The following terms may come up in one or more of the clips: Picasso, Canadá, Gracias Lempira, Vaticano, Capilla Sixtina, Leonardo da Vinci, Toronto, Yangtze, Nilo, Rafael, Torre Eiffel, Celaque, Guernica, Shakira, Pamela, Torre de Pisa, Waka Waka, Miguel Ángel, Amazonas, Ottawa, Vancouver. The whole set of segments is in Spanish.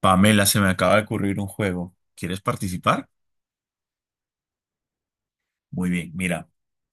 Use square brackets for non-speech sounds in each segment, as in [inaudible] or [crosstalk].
Pamela, se me acaba de ocurrir un juego. ¿Quieres participar? Muy bien, mira,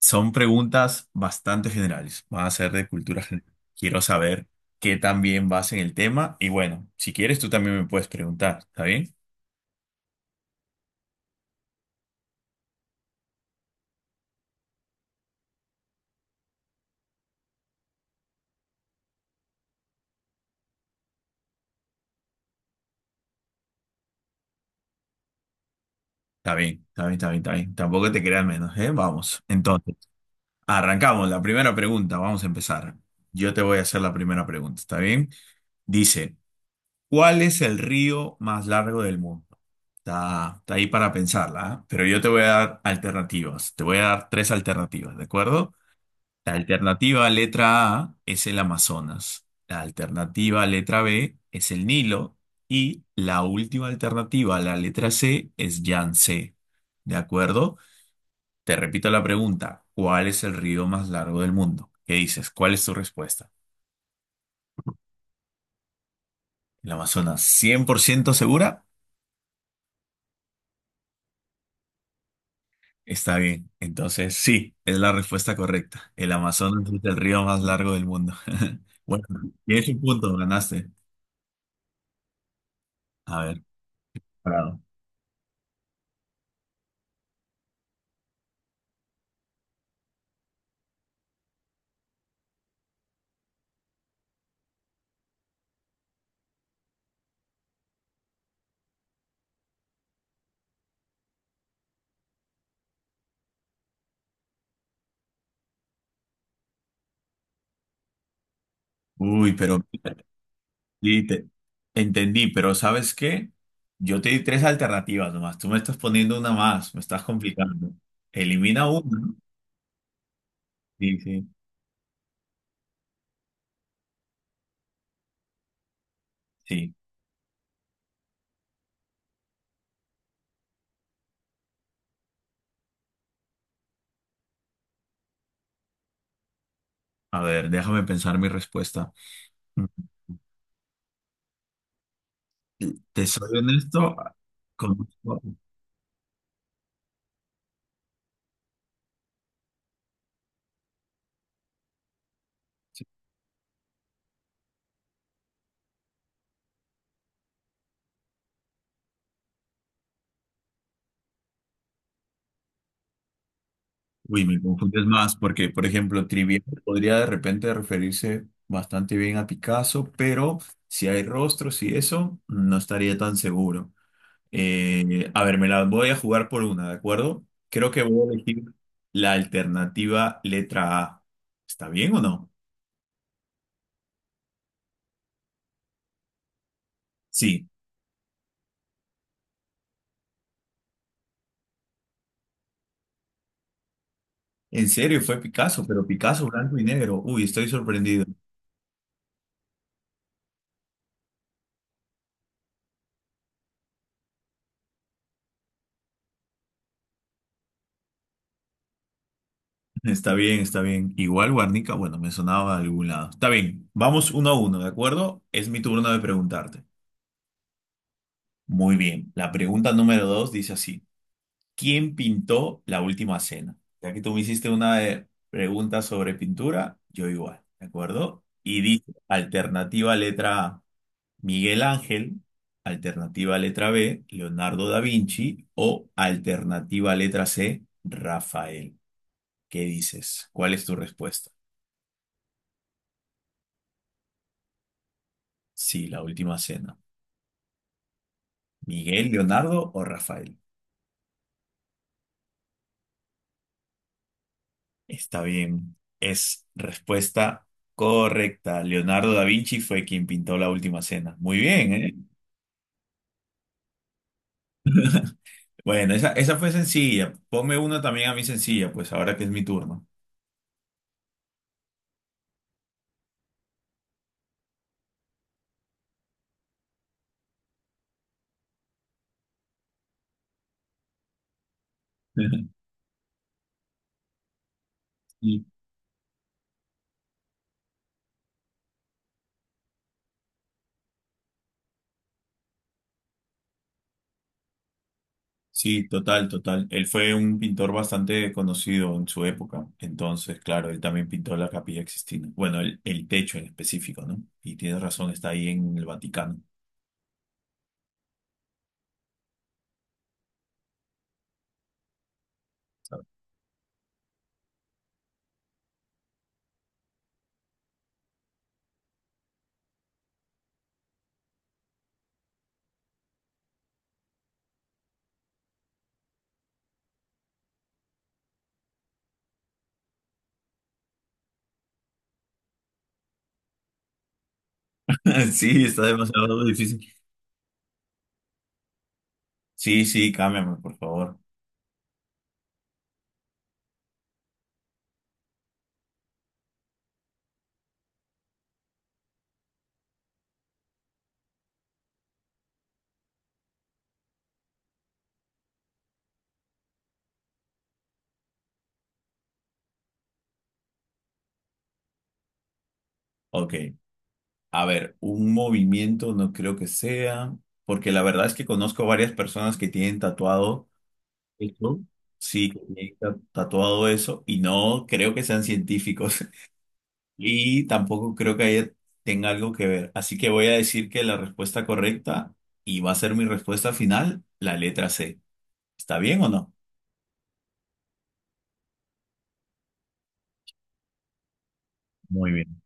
son preguntas bastante generales. Van a ser de cultura general. Quiero saber qué también vas en el tema. Y bueno, si quieres, tú también me puedes preguntar. ¿Está bien? Está bien, está bien, está bien, está bien. Tampoco te creas menos, ¿eh? Vamos. Entonces, arrancamos. La primera pregunta, vamos a empezar. Yo te voy a hacer la primera pregunta, ¿está bien? Dice, ¿cuál es el río más largo del mundo? Está ahí para pensarla, ¿ah? Pero yo te voy a dar alternativas. Te voy a dar tres alternativas, ¿de acuerdo? La alternativa letra A es el Amazonas. La alternativa letra B es el Nilo. Y la última alternativa, la letra C, es Yangtze. ¿De acuerdo? Te repito la pregunta. ¿Cuál es el río más largo del mundo? ¿Qué dices? ¿Cuál es tu respuesta? ¿El Amazonas 100% segura? Está bien. Entonces, sí, es la respuesta correcta. El Amazonas es el río más largo del mundo. [laughs] Bueno, tienes un punto, ganaste. A ver, parado. Uy, pero sí, entendí, pero ¿sabes qué? Yo te di tres alternativas nomás. Tú me estás poniendo una más, me estás complicando. Elimina una. Sí, sí, sí. A ver, déjame pensar mi respuesta. Mm, Te soy honesto, conozco. Uy, me confundes más porque, por ejemplo, Trivial podría de repente referirse bastante bien a Picasso, pero si hay rostros y eso, no estaría tan seguro. A ver, me la voy a jugar por una, ¿de acuerdo? Creo que voy a elegir la alternativa letra A. ¿Está bien o no? Sí, en serio fue Picasso, pero Picasso blanco y negro. Uy, estoy sorprendido. [laughs] Está bien, está bien. Igual Guarnica, bueno, me sonaba de algún lado. Está bien, vamos uno a uno, ¿de acuerdo? Es mi turno de preguntarte. Muy bien. La pregunta número dos dice así. ¿Quién pintó la última cena? Ya que tú me hiciste una pregunta sobre pintura, yo igual, ¿de acuerdo? Y dice, alternativa letra A, Miguel Ángel, alternativa letra B, Leonardo da Vinci o alternativa letra C, Rafael. ¿Qué dices? ¿Cuál es tu respuesta? Sí, la última cena. ¿Miguel, Leonardo o Rafael? Está bien. Es respuesta correcta. Leonardo da Vinci fue quien pintó la última cena. Muy bien, ¿eh? Bueno, esa fue sencilla. Ponme una también a mí sencilla, pues ahora que es mi turno. [laughs] Sí, sí, total, total. Él fue un pintor bastante conocido en su época. Entonces, claro, él también pintó la Capilla Sixtina. Bueno, el techo en específico, ¿no? Y tienes razón, está ahí en el Vaticano. [laughs] Sí, está demasiado difícil. Sí, sí, cámbiame, por favor. Ok. A ver, un movimiento no creo que sea, porque la verdad es que conozco varias personas que tienen tatuado, Eso. Sí, que tienen tatuado eso, y no creo que sean científicos, [laughs] y tampoco creo que tenga algo que ver. Así que voy a decir que la respuesta correcta, y va a ser mi respuesta final, la letra C. ¿Está bien o no? Muy bien.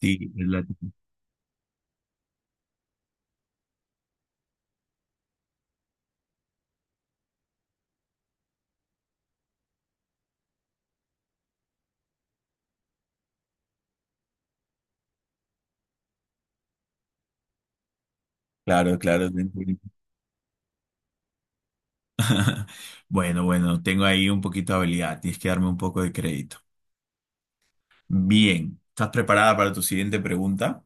Sí, es la... Claro, claro. Bien, bien. Bueno, bueno, tengo ahí un poquito de habilidad, tienes que darme un poco de crédito. Bien, ¿estás preparada para tu siguiente pregunta?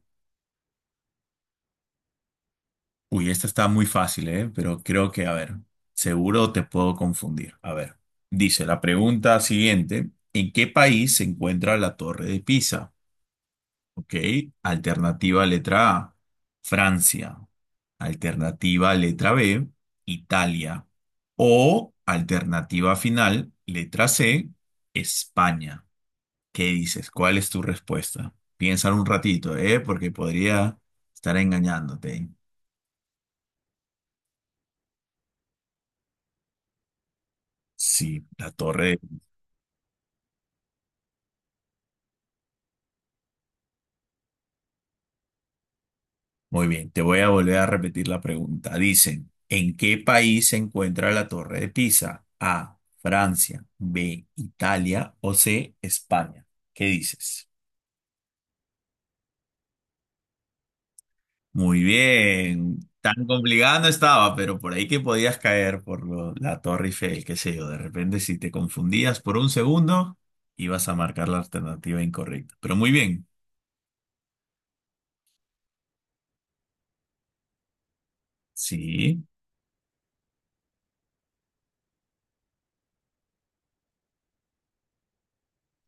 Uy, esta está muy fácil, ¿eh? Pero creo que, a ver, seguro te puedo confundir. A ver, dice la pregunta siguiente, ¿en qué país se encuentra la Torre de Pisa? Ok, alternativa letra A, Francia. Alternativa letra B, Italia. O alternativa final, letra C, España. ¿Qué dices? ¿Cuál es tu respuesta? Piénsalo un ratito, ¿eh? Porque podría estar engañándote. Sí, la torre. Muy bien, te voy a volver a repetir la pregunta. Dicen, ¿en qué país se encuentra la torre de Pisa? A, Francia, B, Italia o C, España. ¿Qué dices? Muy bien. Tan complicado no estaba, pero por ahí que podías caer por la Torre Eiffel, qué sé yo. De repente, si te confundías por un segundo, ibas a marcar la alternativa incorrecta. Pero muy bien. Sí.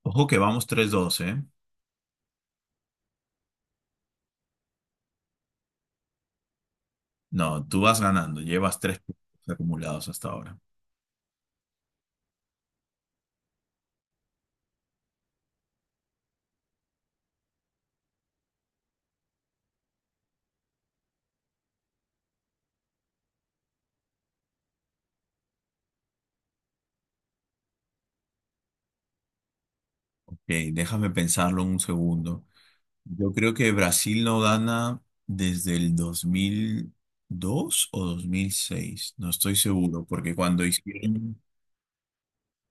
Ojo que vamos tres 2, ¿eh? No, tú vas ganando. Llevas tres puntos acumulados hasta ahora. Ok, déjame pensarlo un segundo. Yo creo que Brasil no gana desde el dos mil dos o dos mil seis. No estoy seguro, porque cuando hicieron...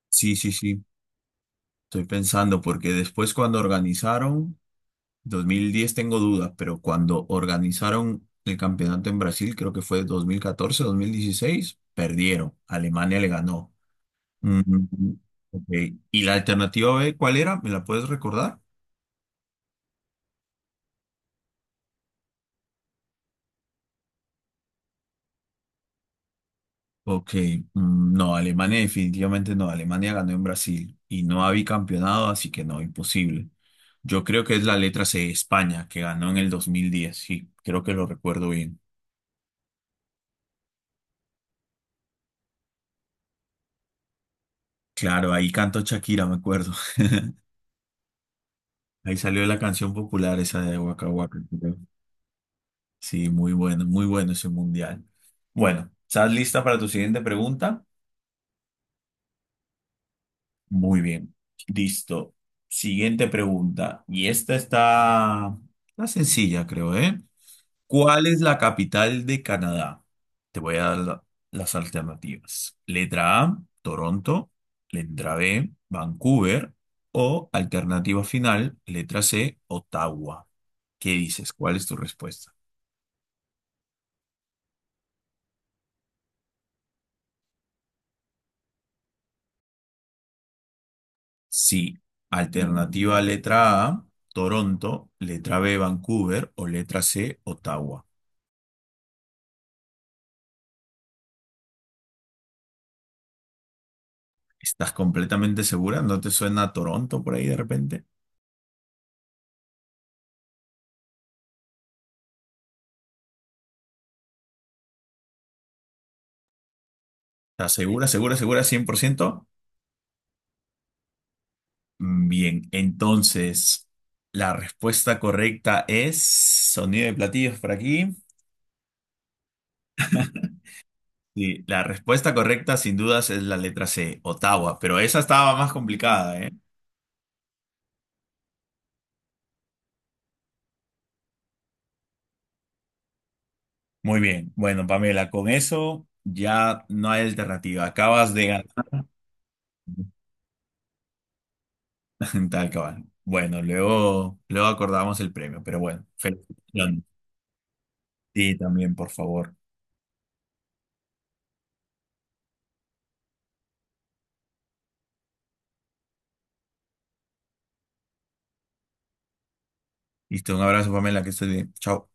Sí, sí, sí. Estoy pensando, porque después cuando organizaron, 2010 tengo dudas, pero cuando organizaron el campeonato en Brasil, creo que fue dos mil catorce, dos mil dieciséis perdieron. Alemania le ganó. Mm, ok. ¿Y la alternativa B cuál era? ¿Me la puedes recordar? Ok, mm, no, Alemania definitivamente no. Alemania ganó en Brasil y no había campeonado, así que no, imposible. Yo creo que es la letra C, España, que ganó en el dos mil diez, sí, creo que lo recuerdo bien. Claro, ahí cantó Shakira, me acuerdo. Ahí salió la canción popular esa de Waka Waka, creo. Sí, muy bueno, muy bueno ese mundial. Bueno, ¿estás lista para tu siguiente pregunta? Muy bien, listo. Siguiente pregunta. Y está sencilla, creo, ¿eh? ¿Cuál es la capital de Canadá? Te voy a dar las alternativas. Letra A, Toronto. Letra B, Vancouver. O alternativa final, letra C, Ottawa. ¿Qué dices? ¿Cuál es tu respuesta? Sí, alternativa letra A, Toronto, letra B, Vancouver o letra C, Ottawa. ¿Estás completamente segura? ¿No te suena a Toronto por ahí de repente? ¿Estás segura, segura, segura, 100%? Bien, entonces la respuesta correcta es sonido de platillos por aquí. Sí, la respuesta correcta sin dudas es la letra C, Ottawa, pero esa estaba más complicada, ¿eh? Muy bien, bueno, Pamela, con eso ya no hay alternativa, acabas de ganar. [laughs] Tal cabal. Bueno, luego, luego acordamos el premio, pero bueno, felicitaciones. Sí, también, por favor. Listo, un abrazo, Pamela, que estés bien. Chao.